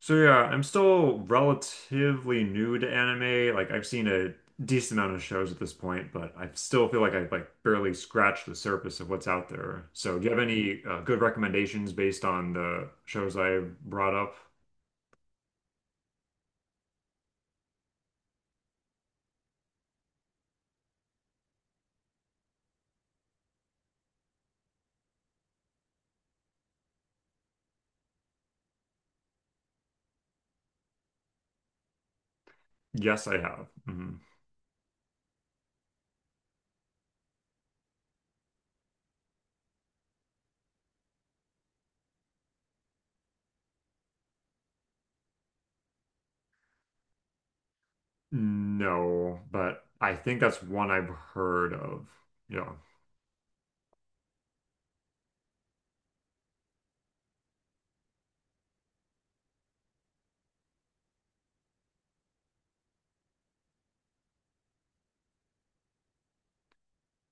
So yeah, I'm still relatively new to anime. Like, I've seen a decent amount of shows at this point, but I still feel like I've like barely scratched the surface of what's out there. So do you have any good recommendations based on the shows I brought up? Yes, I have. Mhm. No, but I think that's one I've heard of. Yeah.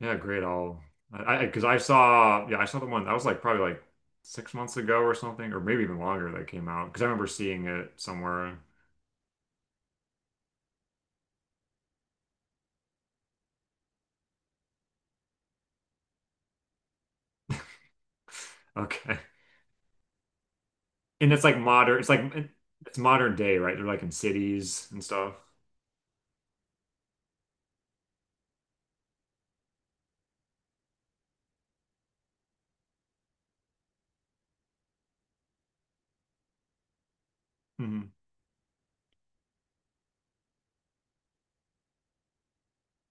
Yeah, great. I because I saw, yeah, I saw the one that was like probably like 6 months ago or something, or maybe even longer that came out because I remember seeing it somewhere. Okay. And it's like modern, it's like it's modern day, right? They're like in cities and stuff. hmm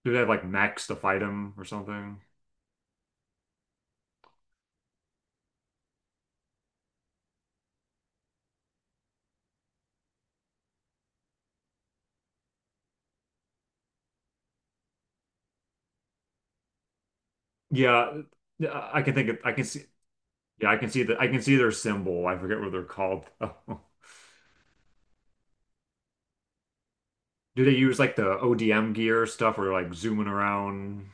Do they have like mechs to fight them or something? Yeah, yeah, I can see, yeah, I can see their symbol. I forget what they're called though. Do they use like the ODM gear stuff or like zooming around?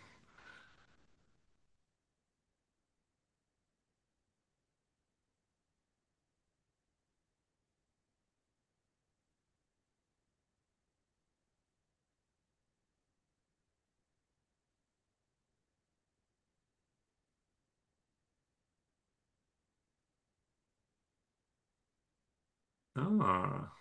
Ah.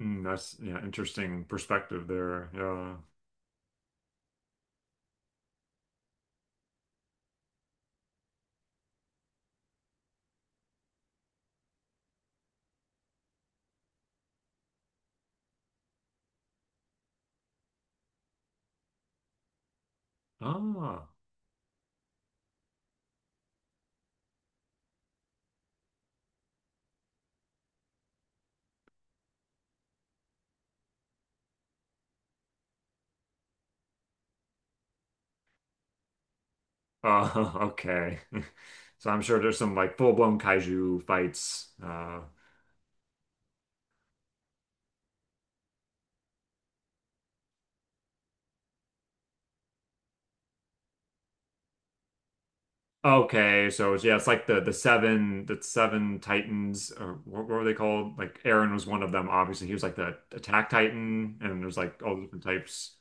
Mm, that's, yeah, interesting perspective there. Yeah. Ah, okay. So I'm sure there's some like full-blown kaiju fights. Okay, so it's, yeah, it's like the seven Titans, or what were they called? Like Aaron was one of them, obviously. He was like the attack Titan, and there's like all the different types.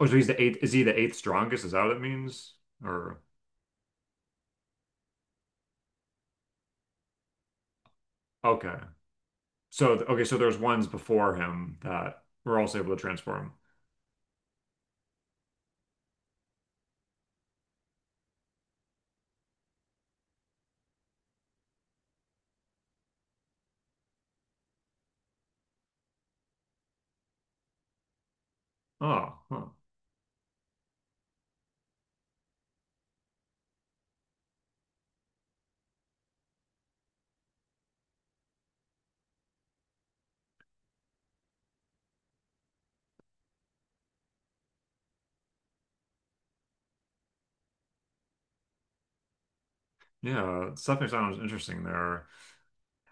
Oh, so he's the eighth. Is he the eighth strongest? Is that what it means? Or okay, so okay, so there's ones before him that were also able to transform. Oh, huh. Yeah, it's definitely sounds interesting there.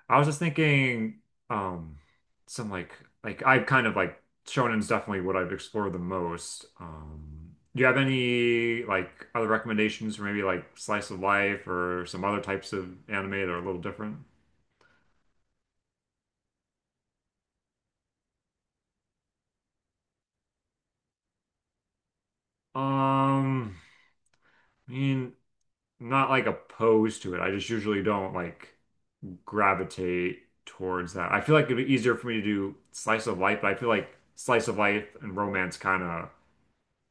I was just thinking, um, some like I've kind of like shonen's definitely what I've explored the most. Do you have any like other recommendations for maybe like slice of life or some other types of anime that are a little different? Um, I mean, I'm not like opposed to it. I just usually don't like gravitate towards that. I feel like it'd be easier for me to do slice of life, but I feel like slice of life and romance kind of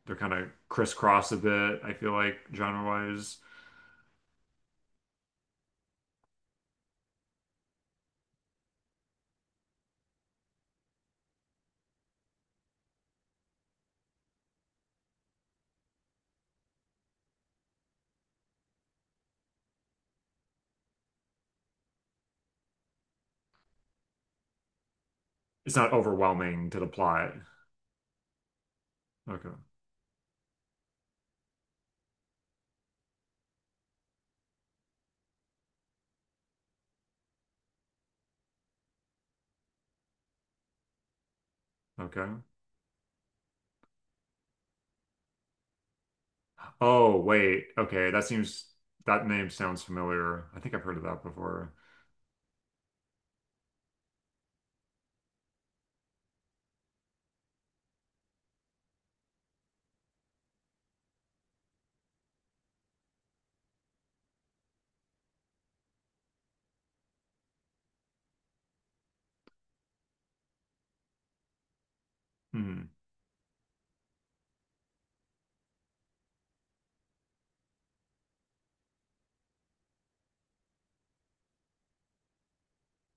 they're kind of crisscross a bit. I feel like genre wise, it's not overwhelming to the plot. Okay, okay. Oh wait, okay. That seems that name sounds familiar. I think I've heard of that before. Hmm.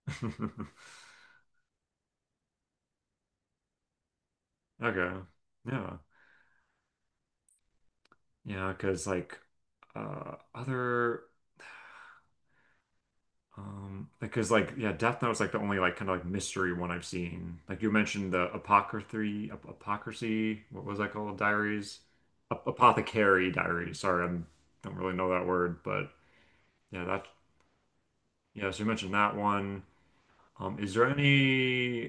Okay. Yeah. Yeah, because like other because like, yeah, Death Note was like the only like kind of like mystery one I've seen. Like you mentioned the Apocryphy, Ap Apocrisy, what was that called? Diaries, Ap Apothecary Diaries. Sorry, I don't really know that word, but yeah, that yeah. So you mentioned that one. Is there any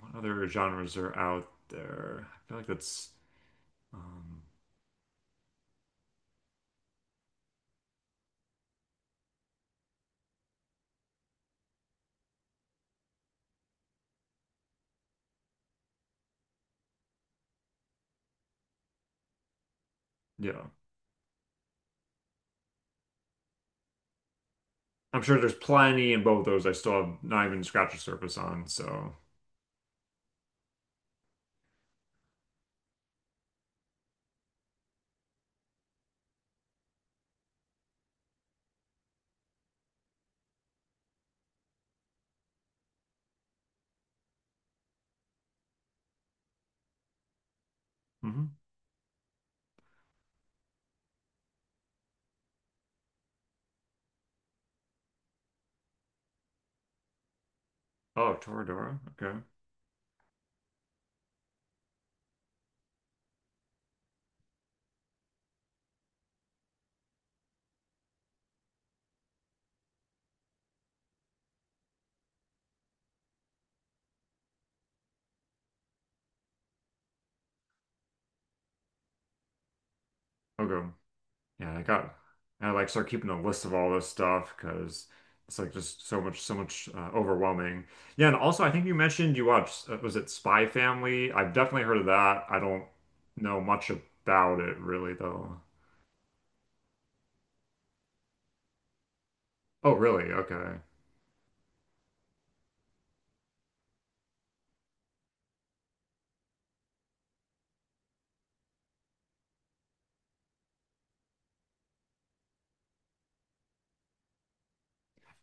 what other genres are out there? I feel like that's um, yeah. I'm sure there's plenty in both those. I still have not even scratched the surface on. So hmm. Oh, Toradora. Okay, okay. And I got, and I like start keeping a list of all this stuff because it's like just so much, so much overwhelming. Yeah, and also I think you mentioned you watched, was it Spy Family? I've definitely heard of that. I don't know much about it really though. Oh, really? Okay.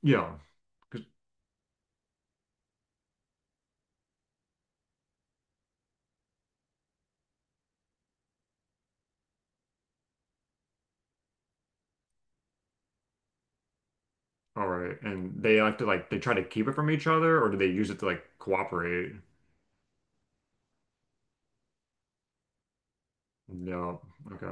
Yeah. 'Cause- All right. And they have to like, they try to keep it from each other, or do they use it to like cooperate? No. Okay.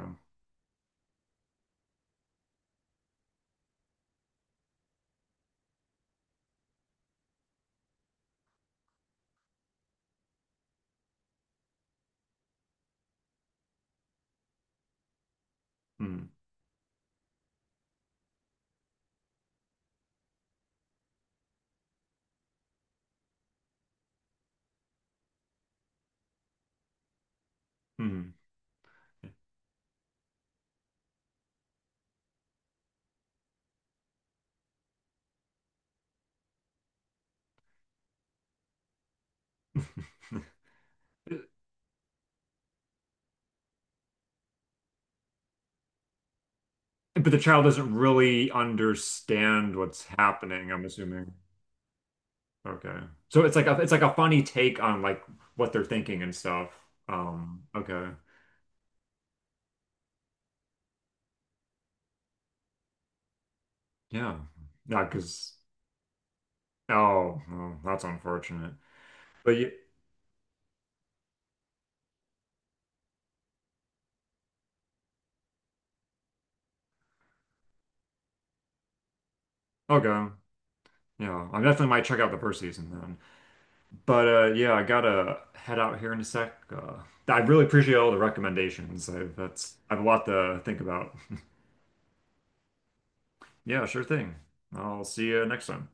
Mm. Mm. But the child doesn't really understand what's happening, I'm assuming. Okay. So it's like a funny take on like what they're thinking and stuff. Okay. Yeah. Yeah, because oh, well, that's unfortunate. But yeah, okay. Yeah, I definitely might check out the first season then. But yeah, I gotta head out here in a sec. I really appreciate all the recommendations. I, that's I have a lot to think about. Yeah, sure thing. I'll see you next time.